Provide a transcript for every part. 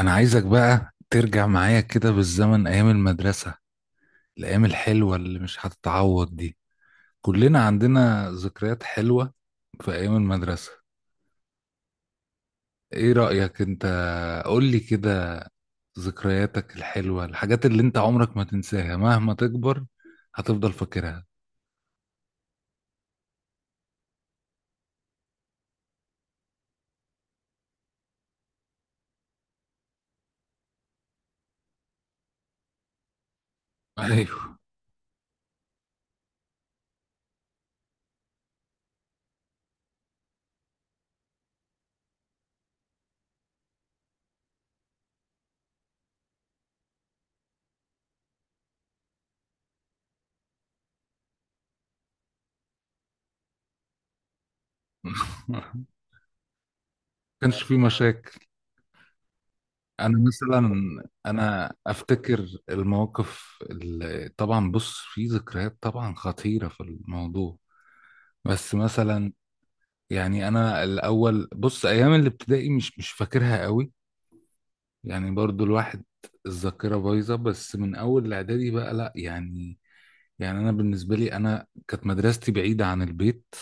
انا عايزك بقى ترجع معايا كده بالزمن ايام المدرسة، الايام الحلوة اللي مش هتتعوض دي. كلنا عندنا ذكريات حلوة في ايام المدرسة. ايه رأيك انت؟ قولي كده، ذكرياتك الحلوة، الحاجات اللي انت عمرك ما تنساها مهما تكبر هتفضل فاكرها. ايوه. كانش في مشاكل. انا مثلا، انا افتكر المواقف اللي طبعا، بص، في ذكريات طبعا خطيرة في الموضوع، بس مثلا يعني انا الاول، بص، ايام الابتدائي مش فاكرها قوي، يعني برضو الواحد الذاكره بايظه، بس من اول الاعدادي بقى لا يعني. يعني انا بالنسبه لي، انا كانت مدرستي بعيده عن البيت،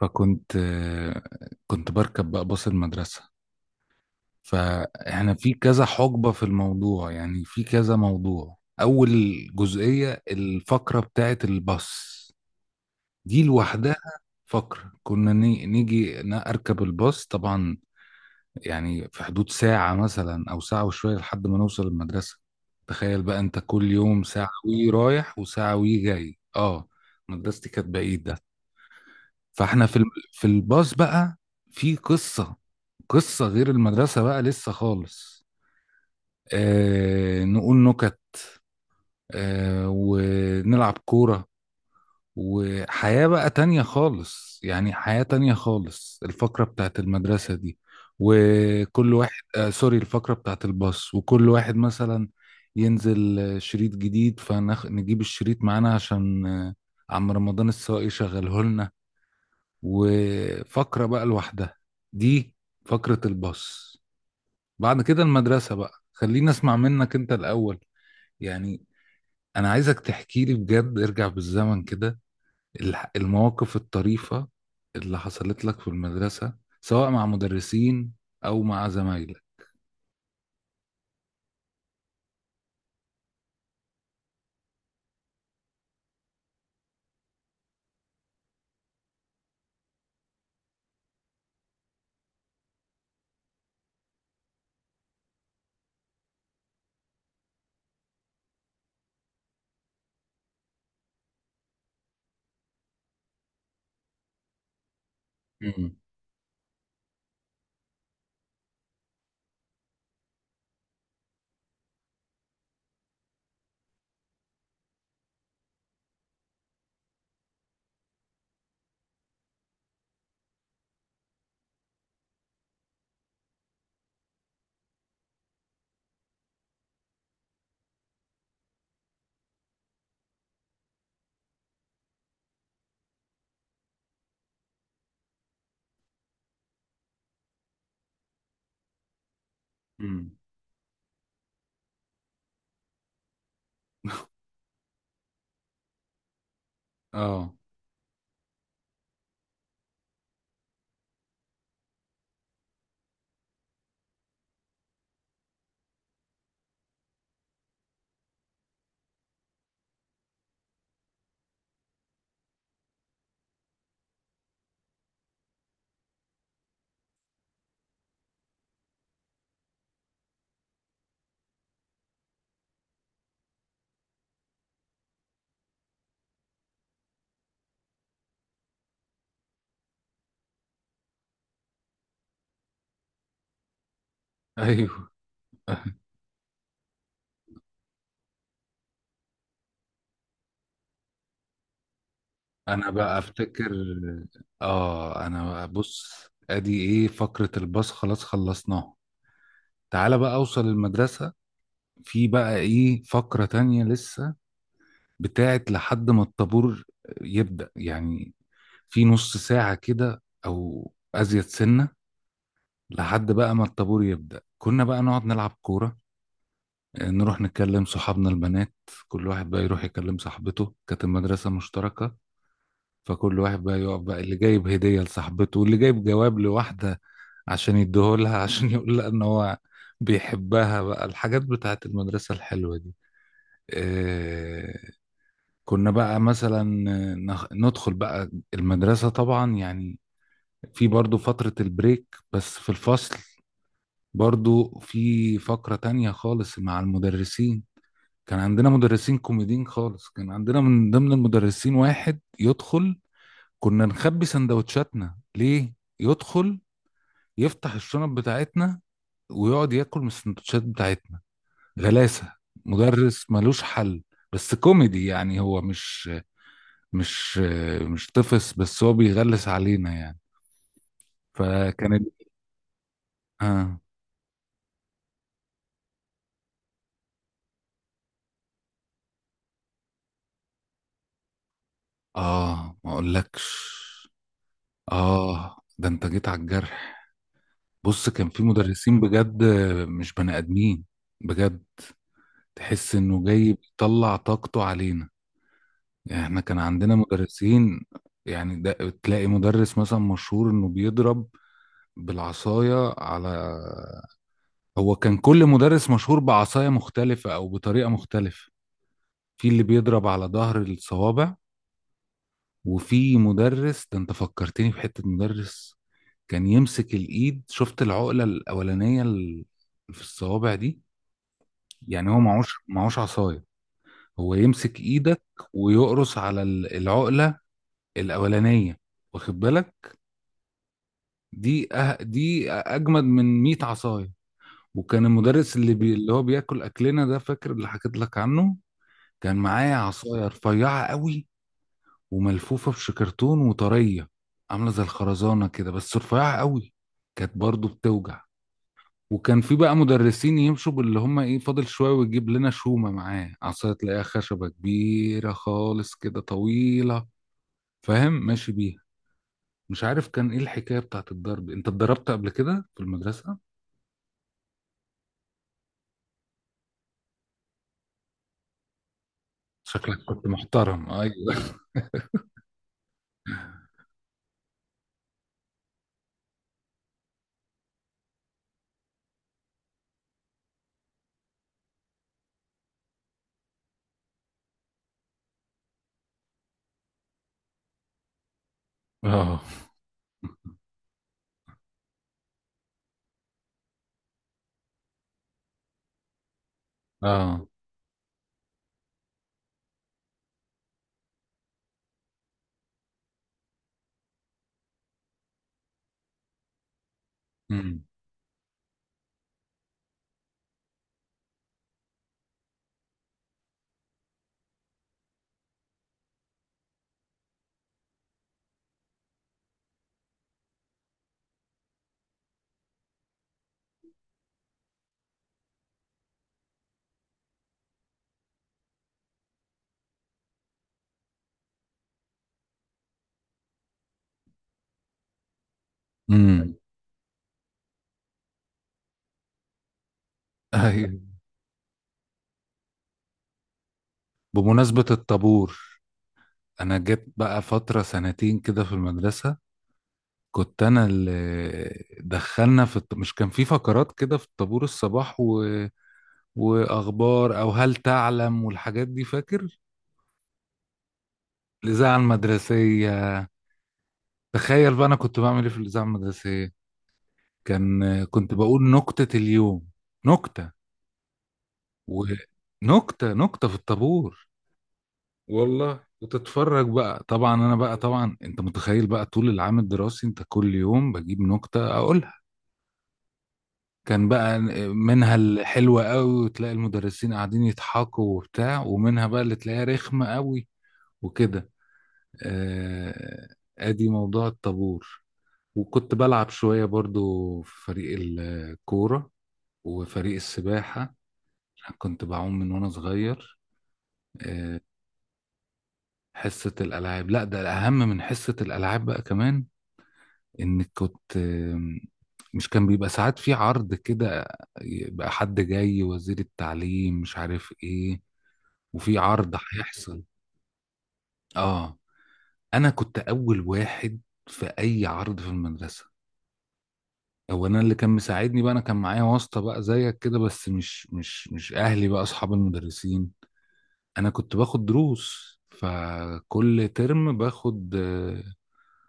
فكنت كنت بركب بقى باص المدرسه. فاحنا في كذا حقبه في الموضوع، يعني في كذا موضوع. اول جزئيه الفقره بتاعت الباص دي لوحدها فقرة. كنا أركب الباص طبعا، يعني في حدود ساعة مثلا أو ساعة وشوية لحد ما نوصل المدرسة. تخيل بقى أنت كل يوم ساعة وي رايح وساعة وي جاي. أه، مدرستي كانت بعيدة. فإحنا في في الباص بقى في قصة، قصة غير المدرسة بقى لسه خالص. آه، نقول نكت، آه، ونلعب كورة، وحياة بقى تانية خالص. يعني حياة تانية خالص الفقرة بتاعت المدرسة دي. وكل واحد، آه، سوري، الفقرة بتاعت الباص، وكل واحد مثلا ينزل شريط جديد فنجيب الشريط معانا عشان عم رمضان السواق يشغله لنا. وفقرة بقى لوحدها دي، فقرة الباص. بعد كده المدرسة بقى، خلينا اسمع منك انت الأول، يعني أنا عايزك تحكي لي بجد، ارجع بالزمن كده، المواقف الطريفة اللي حصلت لك في المدرسة، سواء مع مدرسين أو مع زمايلك. امم. امم. اه. ايوه. انا بقى افتكر، اه، انا بقى، بص، ادي ايه فقرة الباص، خلاص خلصناها. تعالى بقى اوصل المدرسة. في بقى ايه فقرة تانية لسه، بتاعت لحد ما الطابور يبدأ، يعني في نص ساعة كده او ازيد سنة لحد بقى ما الطابور يبدأ. كنا بقى نقعد نلعب كورة، آه، نروح نكلم صحابنا البنات، كل واحد بقى يروح يكلم صاحبته، كانت المدرسة مشتركة، فكل واحد بقى يقف بقى، اللي جايب هدية لصاحبته واللي جايب جواب لواحدة عشان يديهولها، عشان يقول لها ان هو بيحبها بقى، الحاجات بتاعت المدرسة الحلوة دي. آه، كنا بقى مثلا، آه، ندخل بقى المدرسة طبعا، يعني في برضو فترة البريك، بس في الفصل برضو في فقرة تانية خالص مع المدرسين. كان عندنا مدرسين كوميديين خالص، كان عندنا من ضمن المدرسين واحد يدخل، كنا نخبي سندوتشاتنا ليه، يدخل يفتح الشنط بتاعتنا ويقعد ياكل من السندوتشات بتاعتنا. غلاسة! مدرس ملوش حل، بس كوميدي، يعني هو مش مش طفس، بس هو بيغلس علينا يعني. فكانت اه. اه، ما اقولكش، آه ده أنت جيت على الجرح. بص، كان في مدرسين بجد مش بني آدمين، بجد، تحس إنه جاي بيطلع طاقته علينا. يعني إحنا كان عندنا مدرسين، يعني ده تلاقي مدرس مثلا مشهور إنه بيضرب بالعصاية على، هو كان كل مدرس مشهور بعصاية مختلفة أو بطريقة مختلفة. في اللي بيضرب على ظهر الصوابع، وفي مدرس، ده انت فكرتني بحتة مدرس، كان يمسك الايد، شفت العقلة الاولانية في الصوابع دي، يعني هو معهوش عصاية، هو يمسك ايدك ويقرص على العقلة الاولانية، واخد بالك؟ دي أه دي اجمد من 100 عصاية. وكان المدرس اللي اللي هو بياكل اكلنا ده، فاكر اللي حكيت لك عنه، كان معايا عصاية رفيعة قوي وملفوفة بشكرتون وطرية، عاملة زي الخرزانة كده بس رفيعة قوي، كانت برضو بتوجع. وكان في بقى مدرسين يمشوا باللي هم ايه، فاضل شوية ويجيب لنا شومة، معاه عصاية تلاقيها خشبة كبيرة خالص كده طويلة، فاهم؟ ماشي بيها. مش عارف كان ايه الحكاية بتاعت الضرب. انت اتضربت قبل كده في المدرسة؟ شكلك كنت محترم، ايوه. اه. اه. امم. امم. ايوه. بمناسبة الطابور، انا جيت بقى فترة سنتين كده في المدرسة كنت انا اللي دخلنا في مش كان في فقرات كده في طابور الصباح و، واخبار او هل تعلم والحاجات دي، فاكر؟ الاذاعه المدرسيه. تخيل بقى انا كنت بعمل ايه في الاذاعه المدرسيه؟ كان كنت بقول نكته اليوم. نكته، ونكته في الطابور، والله. وتتفرج بقى طبعا، انا بقى، طبعا انت متخيل بقى طول العام الدراسي انت كل يوم بجيب نكته اقولها. كان بقى منها الحلوة قوي وتلاقي المدرسين قاعدين يضحكوا وبتاع، ومنها بقى اللي تلاقيها رخمة قوي وكده. آه، ادي موضوع الطابور. وكنت بلعب شوية برضو في فريق الكورة وفريق السباحة، كنت بعوم من وانا صغير. آه، حصة الألعاب، لا ده الأهم من حصة الألعاب بقى كمان، إنك كنت مش كان بيبقى ساعات في عرض كده، يبقى حد جاي وزير التعليم مش عارف ايه، وفي عرض هيحصل. اه، انا كنت اول واحد في اي عرض في المدرسه. هو انا اللي كان مساعدني بقى، انا كان معايا واسطه بقى زيك كده، بس مش اهلي بقى اصحاب المدرسين، انا كنت باخد دروس، فكل ترم باخد آه،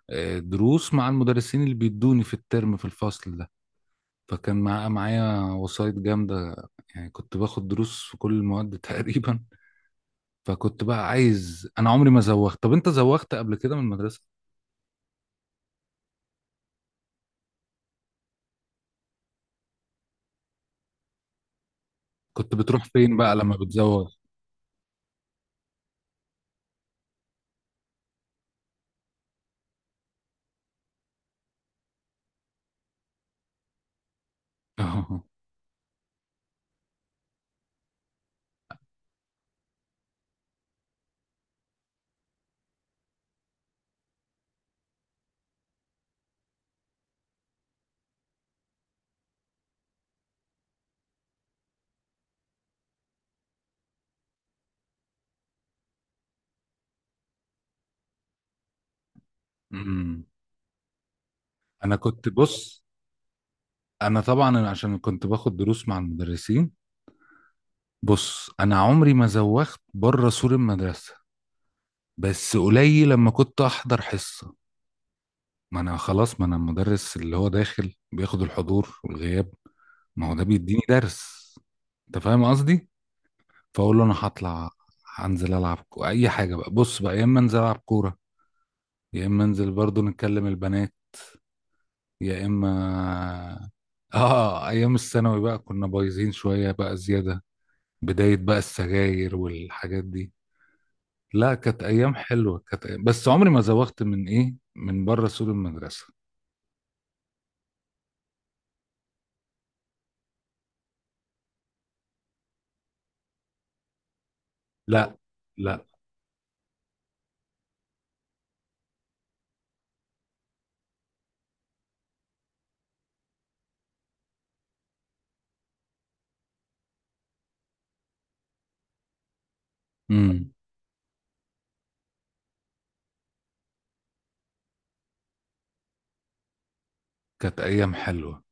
آه، دروس مع المدرسين اللي بيدوني في الترم في الفصل ده، فكان معايا وسايط جامده، يعني كنت باخد دروس في كل المواد تقريبا. فكنت بقى عايز، انا عمري ما زوغت. طب انت زوغت قبل كده من المدرسه؟ كنت بتروح فين بقى لما بتزوغ؟ أمم. انا كنت، بص، انا طبعا عشان كنت باخد دروس مع المدرسين. بص انا عمري ما زوغت بره سور المدرسة، بس قليل لما كنت احضر حصة. ما انا خلاص، ما انا المدرس اللي هو داخل بياخد الحضور والغياب، ما هو ده بيديني درس، انت فاهم قصدي؟ فاقول له انا هطلع، هنزل العب اي حاجة بقى، بص بقى يا اما انزل العب كورة، يا اما انزل برضو نتكلم البنات، يا اما اه. ايام الثانوي بقى كنا بايظين شوية بقى زيادة، بداية بقى السجاير والحاجات دي، لا كانت ايام حلوة، كانت أيام، بس عمري ما زوغت من ايه، من بره سور المدرسة. لا. اه. لا. امم. كانت ايام حلوة.